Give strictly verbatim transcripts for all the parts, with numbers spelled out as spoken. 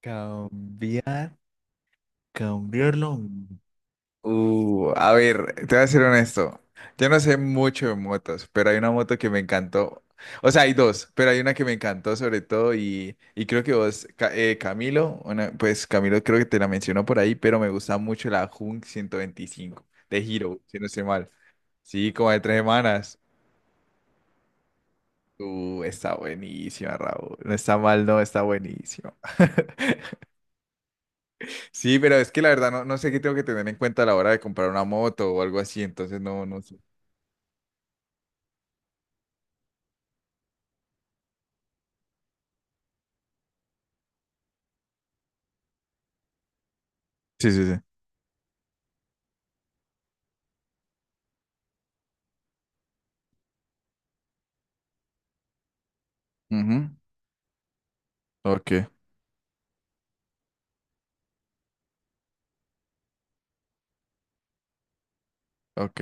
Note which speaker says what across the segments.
Speaker 1: Cambiar, cambiarlo. Mm, Uh, a ver, te voy a ser honesto. Yo no sé mucho de motos, pero hay una moto que me encantó. O sea, hay dos, pero hay una que me encantó sobre todo y, y creo que vos, Ca- eh, Camilo, una- pues Camilo creo que te la mencionó por ahí, pero me gusta mucho la Hunk ciento veinticinco de Hero, si no estoy mal. Sí, como de tres semanas. Uh, está buenísima, Raúl. No está mal, no, está buenísima. Sí, pero es que la verdad no, no sé qué tengo que tener en cuenta a la hora de comprar una moto o algo así, entonces no, no sé. Sí, sí, sí. Ujú. Ok, ok.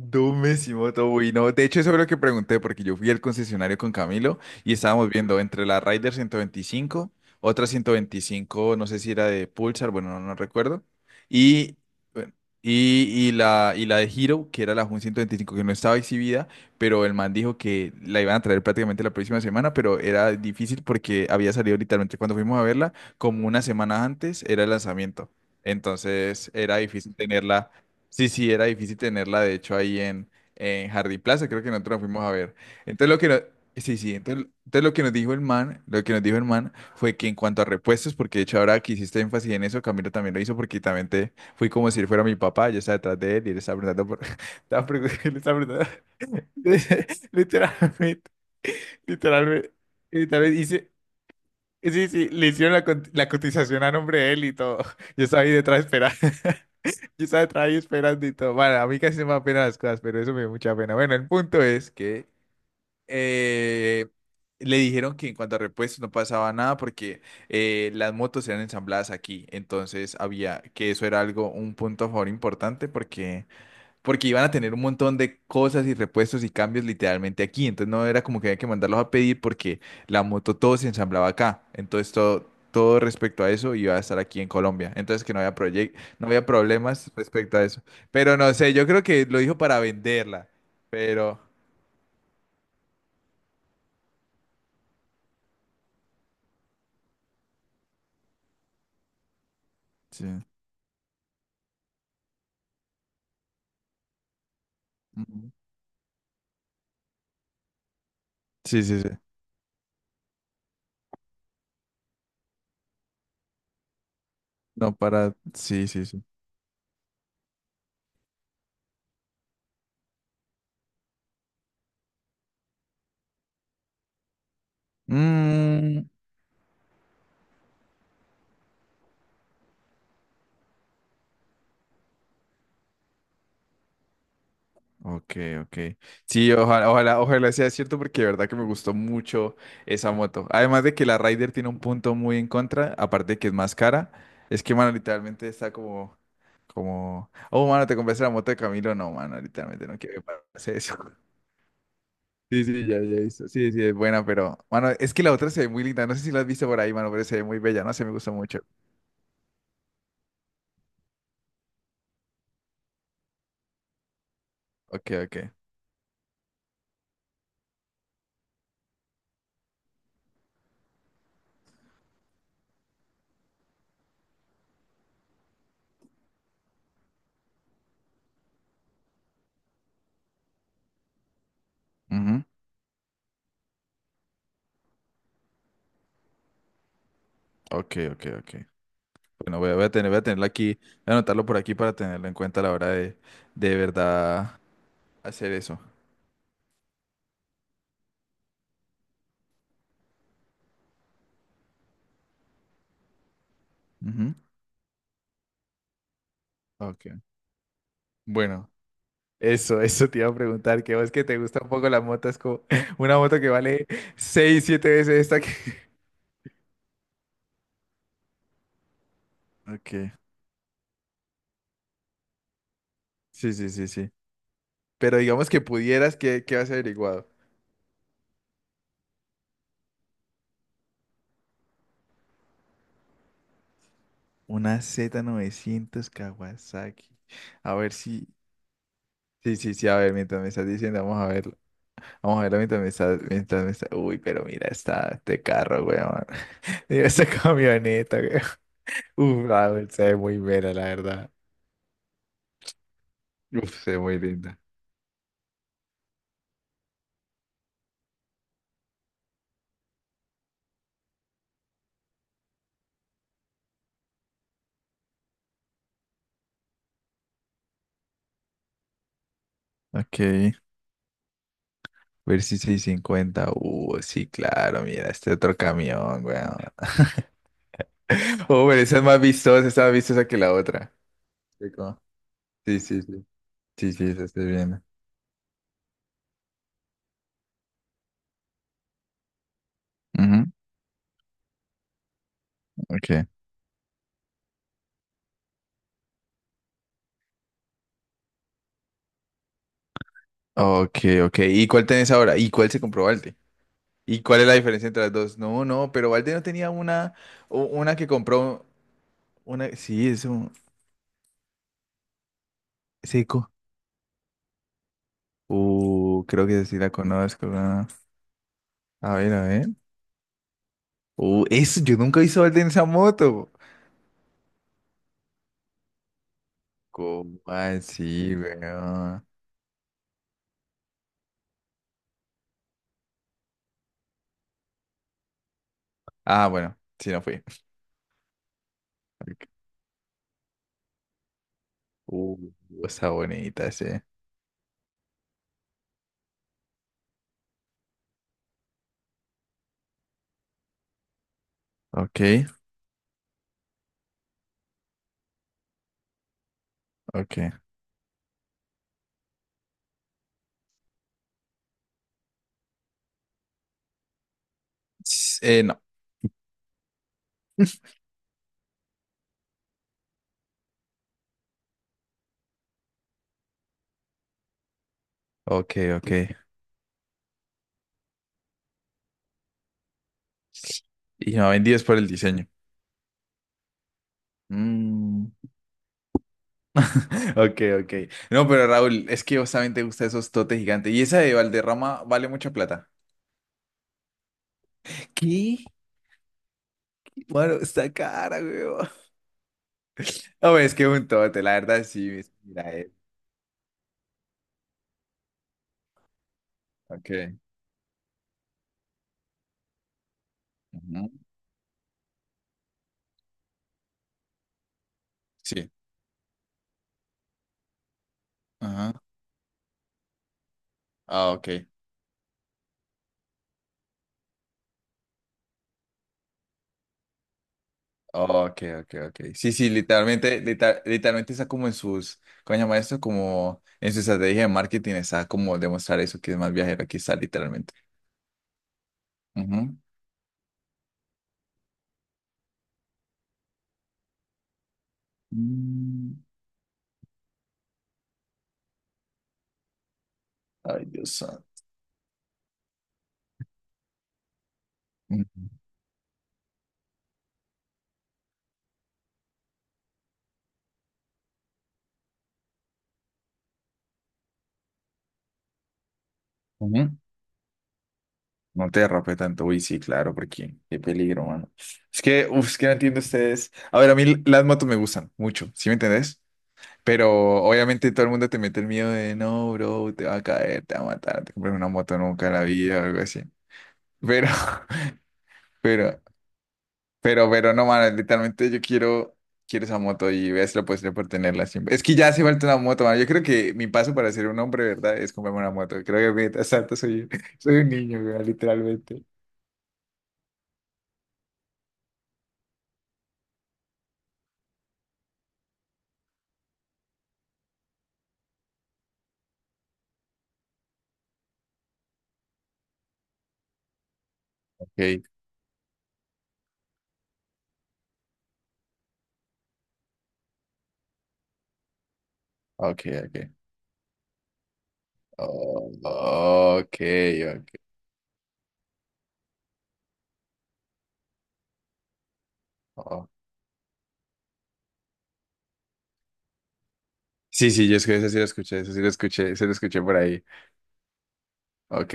Speaker 1: Dumísimo, todo no. De hecho, eso es lo que pregunté, porque yo fui al concesionario con Camilo y estábamos viendo entre la Rider ciento veinticinco, otra ciento veinticinco, no sé si era de Pulsar, bueno, no, no recuerdo, y, bueno, y, y la, y la de Hero, que era la Jun ciento veinticinco que no estaba exhibida, pero el man dijo que la iban a traer prácticamente la próxima semana, pero era difícil porque había salido literalmente cuando fuimos a verla, como una semana antes era el lanzamiento. Entonces era difícil tenerla. Sí, sí, era difícil tenerla, de hecho, ahí en, en Jardín Plaza, creo que nosotros nos fuimos a ver. Entonces lo que nos, sí, sí, entonces, entonces lo que nos dijo el man, lo que nos dijo el man fue que en cuanto a repuestos, porque de hecho ahora que hiciste énfasis en eso, Camilo también lo hizo porque también te fui como si él fuera mi papá, yo estaba detrás de él y él estaba preguntando por, estaba pregun- él estaba preguntando, literalmente, literalmente, literalmente hice, sí, sí, le hicieron la, cot- la cotización a nombre de él y todo. Yo estaba ahí detrás, yo estaba ahí esperando y todo. Bueno, a mí casi no me da pena las cosas, pero eso me dio mucha pena. Bueno, el punto es que eh, le dijeron que en cuanto a repuestos no pasaba nada porque eh, las motos eran ensambladas aquí. Entonces había que eso era algo, un punto a favor importante porque porque iban a tener un montón de cosas y repuestos y cambios literalmente aquí. Entonces no era como que había que mandarlos a pedir porque la moto todo se ensamblaba acá. Entonces todo, todo respecto a eso iba a estar aquí en Colombia. Entonces que no había proye- no había problemas respecto a eso. Pero no sé, yo creo que lo dijo para venderla. Pero sí. Ujú. Sí, sí, sí. No, para. Sí, sí, sí. Mm, ok, ok. Sí, ojalá, ojalá, ojalá sea cierto porque de verdad que me gustó mucho esa moto. Además de que la Rider tiene un punto muy en contra, aparte de que es más cara, es que, mano, literalmente está como, como, oh, mano, te compraste la moto de Camilo. No, mano, literalmente no quiero que pase eso. Sí, sí, ya, ya he visto. Sí, sí, es buena, pero, mano, es que la otra se ve muy linda. No sé si la has visto por ahí, mano, pero se ve muy bella. No sé, me gusta mucho. Ok, ok. Ujú. Ok, ok, ok. Bueno, voy a, voy a tener, voy a tenerlo aquí, voy a anotarlo por aquí para tenerlo en cuenta a la hora de, de verdad hacer eso. Ujú. Ok, bueno, eso, eso te iba a preguntar, que vos que te gusta un poco la moto, es como una moto que vale seis, siete veces esta que... Ok, sí, sí, sí, sí. Pero digamos que pudieras, ¿qué, qué has averiguado? Una Z novecientos Kawasaki. A ver si... Sí, sí, sí, a ver, mientras me estás diciendo, vamos a ver. Vamos a ver la mitad de mis sal- mitad de mis sal- Uy, pero mira esta, este carro, weón. Mira esa camioneta, weón. Uf, ah, güey, se ve muy vera, la verdad. Uf, se ve muy linda. Ok, ver si seiscientos cincuenta. Uh, sí, claro, mira, este otro camión, weón. Oh, pero esa es más vistosa, esa es más vistosa que la otra. Sí, como... Sí, sí, sí. Sí, sí, esa estoy viendo. Ujú. Ok, ok, ok. ¿Y cuál tenés ahora? ¿Y cuál se comprobó? ¿Y cuál es la diferencia entre las dos? No, no, pero Valde no tenía una, u- una que compró, una, sí, es un seco. Uh, creo que sí la conozco. Ah, a ver, a ver. Uh, eso, yo nunca hice Valde en esa moto. ¿Cómo así, weón? Ah, bueno, sí, no fui. Ok. Uh, Está bonita, sí. Ok, ok. S- Eh, no. Ok, ok. Y me vendí es por el diseño. Mm. Ok, ok. No, pero Raúl, es que vos también te gustan esos totes gigantes. Y esa de Valderrama vale mucha plata. ¿Qué? Bueno, está cara, weón. No, es que es un tote, la verdad, sí. es- Mira, eh. Ok. Ujú. Sí. Ajá. Ah, ok. Ok, ok, ok. Sí, sí, literalmente, lita- literalmente está como en sus, ¿cómo se llama esto? Como en su estrategia de marketing está como demostrar eso que es más viajero, aquí está literalmente. Ujú. Mm, ay, Dios santo. Ujú. No te derrape tanto, uy, sí, claro, porque qué peligro, mano. Es que, uf, es que no entiendo ustedes. A ver, a mí las motos me gustan mucho, ¿sí me entendés? Pero obviamente todo el mundo te mete el miedo de, no, bro, te va a caer, te va a matar, te compras una moto nunca en la vida o algo así. Pero, pero, pero, pero no, mano, literalmente yo quiero, quiero esa moto y ves lo posible por tenerla siempre. Es que ya hace falta una moto, mano. Yo creo que mi paso para ser un hombre, ¿verdad? Es comprarme una moto. Creo que mientras tanto soy, soy un niño, weón, literalmente. Ok, ok, ok. Oh, ok, ok. Oh. Sí, sí, yo es que eso sí lo escuché, eso sí lo escuché, se lo escuché por ahí. Ok,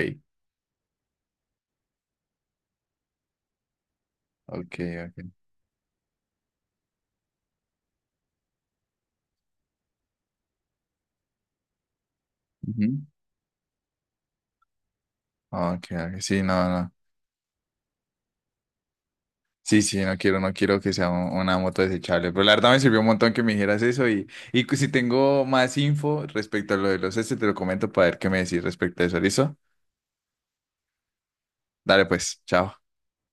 Speaker 1: ok, ok. Ujú. Ok, ok, sí, no, no. Sí, sí, no quiero, no quiero que sea un- una moto desechable. Pero la verdad me sirvió un montón que me dijeras eso y, y cu- si tengo más info respecto a lo de los este, te lo comento para ver qué me decís respecto a eso, ¿listo? Dale pues, chao.